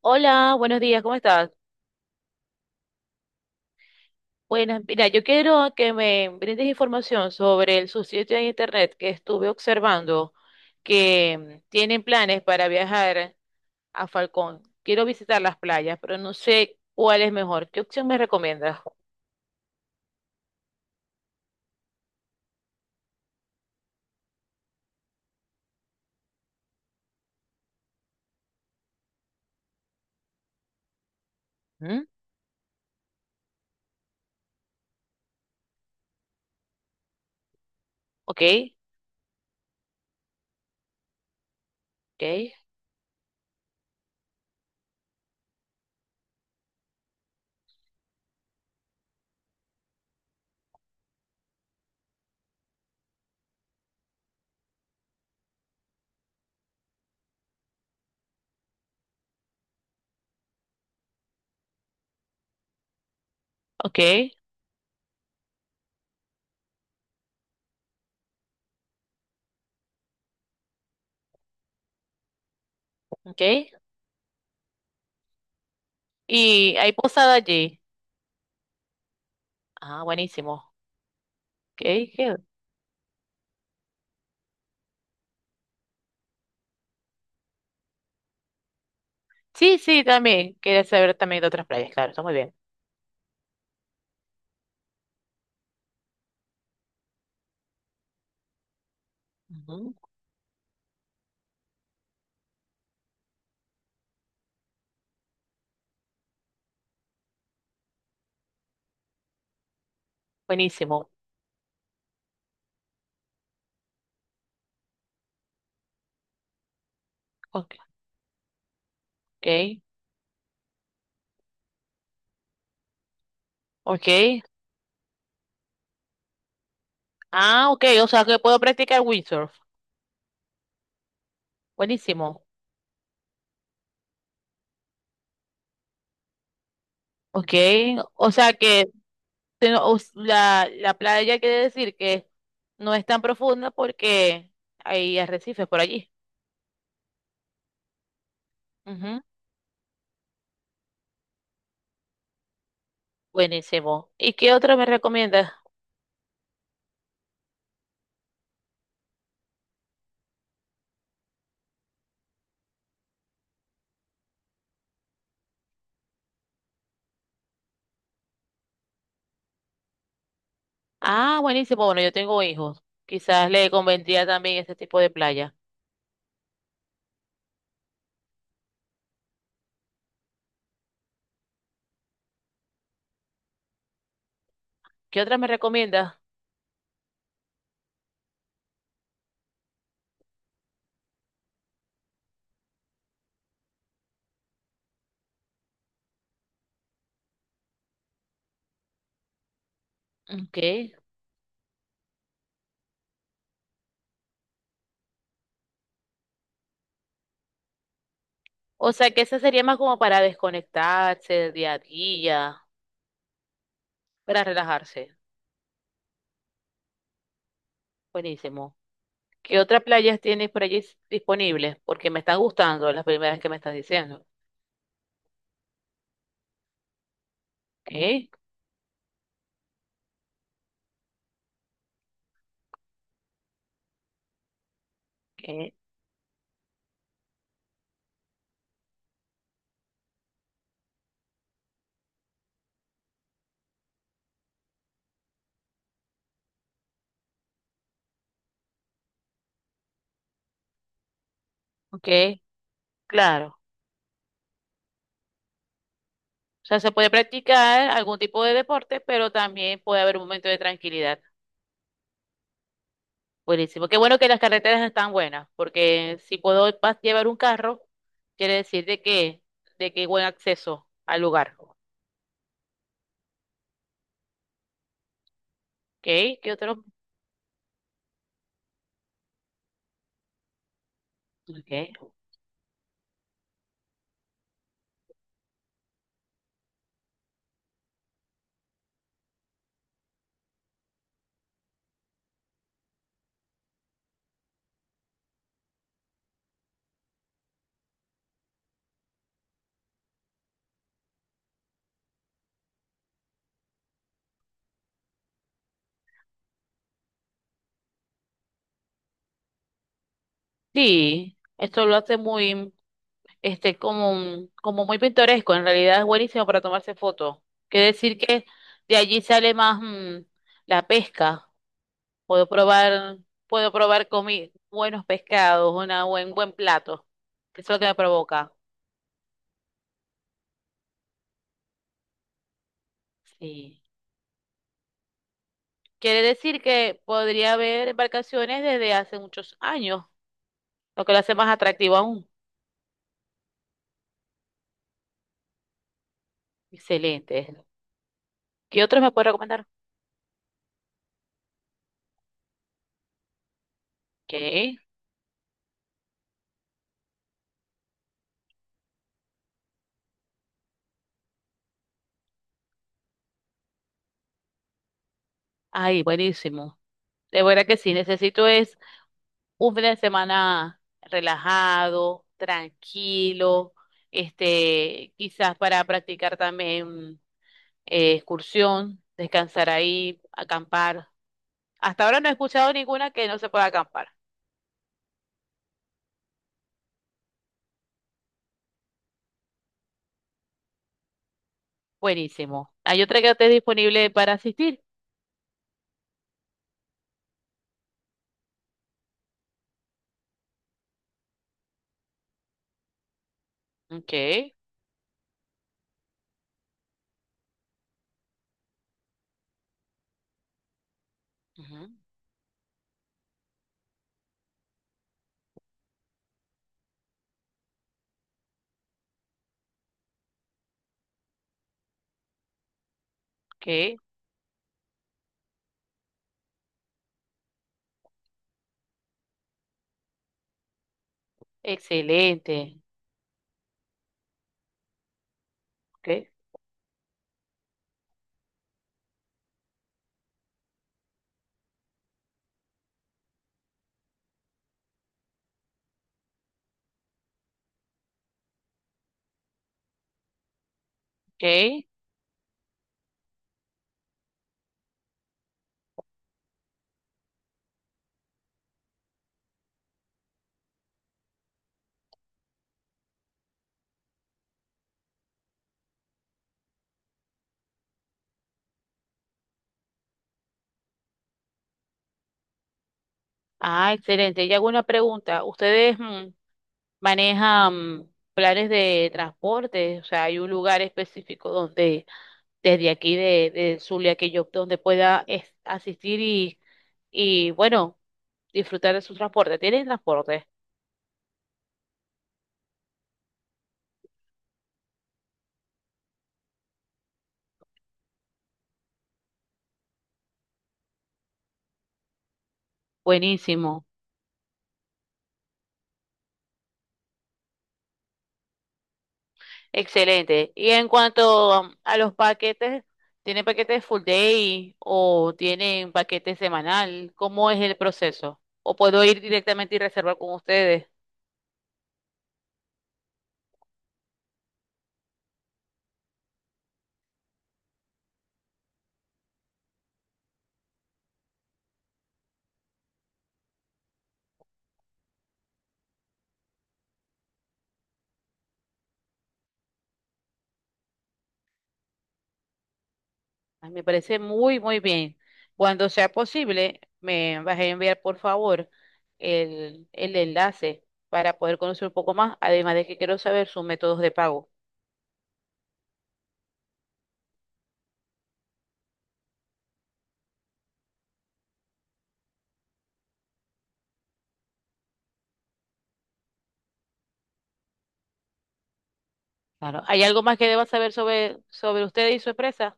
Hola, buenos días, ¿cómo estás? Buenas, mira, yo quiero que me brindes información sobre el subsitio de internet que estuve observando que tienen planes para viajar a Falcón. Quiero visitar las playas, pero no sé cuál es mejor. ¿Qué opción me recomiendas? ¿Mm? Ok, ok, ok, ok. Y hay posada allí. Ah, buenísimo. Ok, qué- sí, sí, también. Quería saber también de otras playas, claro, está muy bien. Ujú, buenísimo. Ok, ok. Ok. Ah, ok. O sea que puedo practicar windsurf. Buenísimo. Ok. O sea que la playa quiere decir que no es tan profunda porque hay arrecifes por allí. Ujú. Buenísimo. ¿Y qué otro me recomiendas? Ah, buenísimo. Bueno, yo tengo hijos. Quizás le convendría también ese tipo de playa. ¿Qué otra me recomiendas? Ok. O sea que esa sería más como para desconectarse del día a día, para relajarse. Buenísimo. ¿Qué otras playas tienes por allí disponibles? Porque me están gustando las primeras que me estás diciendo. Ok, ok, ok, claro. O sea, se puede practicar algún tipo de deporte, pero también puede haber un momento de tranquilidad. Buenísimo. Qué bueno que las carreteras están buenas, porque si puedo llevar un carro, quiere decir de que hay buen acceso al lugar. Ok, ¿qué otro? Ok. Sí, esto lo hace muy, este, como, como muy pintoresco, en realidad es buenísimo para tomarse fotos. Quiere decir que de allí sale más la pesca. Puedo probar, puedo probar comi buenos pescados, una buen plato. Eso es lo que me provoca. Sí. Quiere decir que podría haber embarcaciones desde hace muchos años, lo que lo hace más atractivo aún. Excelente. ¿Qué otros me puede recomendar? ¿Qué? Ay, buenísimo. De verdad que sí, necesito es un fin de semana relajado, tranquilo, este, quizás para practicar también excursión, descansar ahí, acampar. Hasta ahora no he escuchado ninguna que no se pueda acampar. Buenísimo. ¿Hay otra que esté disponible para asistir? Ok, ujú, ok, excelente. Ok, ok. Ah, excelente. Y hago una pregunta. ¿Ustedes manejan planes de transporte? O sea, hay un lugar específico donde desde aquí de Zulia que yo donde pueda asistir y bueno, disfrutar de su transporte. ¿Tienen transporte? Buenísimo, excelente. Y en cuanto a los paquetes, ¿tienen paquetes full day o tienen paquete semanal? ¿Cómo es el proceso? ¿O puedo ir directamente y reservar con ustedes? Ay, me parece muy, muy bien. Cuando sea posible, me vas a enviar, por favor, el enlace para poder conocer un poco más, además de que quiero saber sus métodos de pago. Claro. ¿Hay algo más que deba saber sobre usted y su empresa?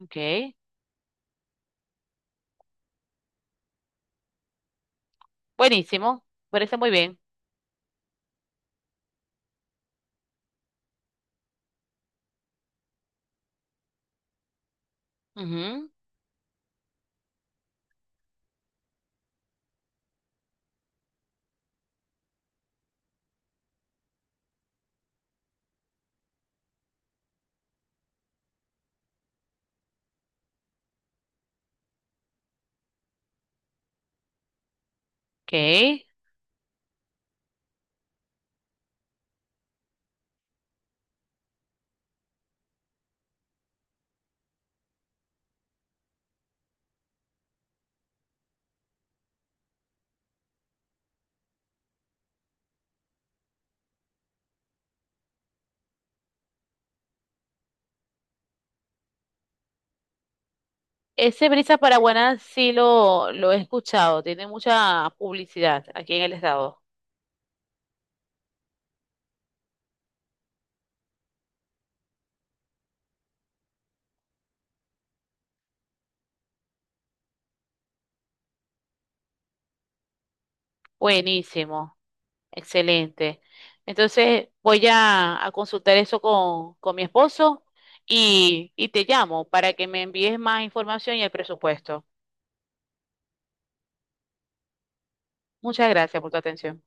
Ok. Buenísimo. Parece muy bien. Ujú. Ok. Ese Brisa Paraguaná sí lo he escuchado. Tiene mucha publicidad aquí en el estado. Buenísimo, excelente. Entonces voy a consultar eso con mi esposo y te llamo para que me envíes más información y el presupuesto. Muchas gracias por tu atención.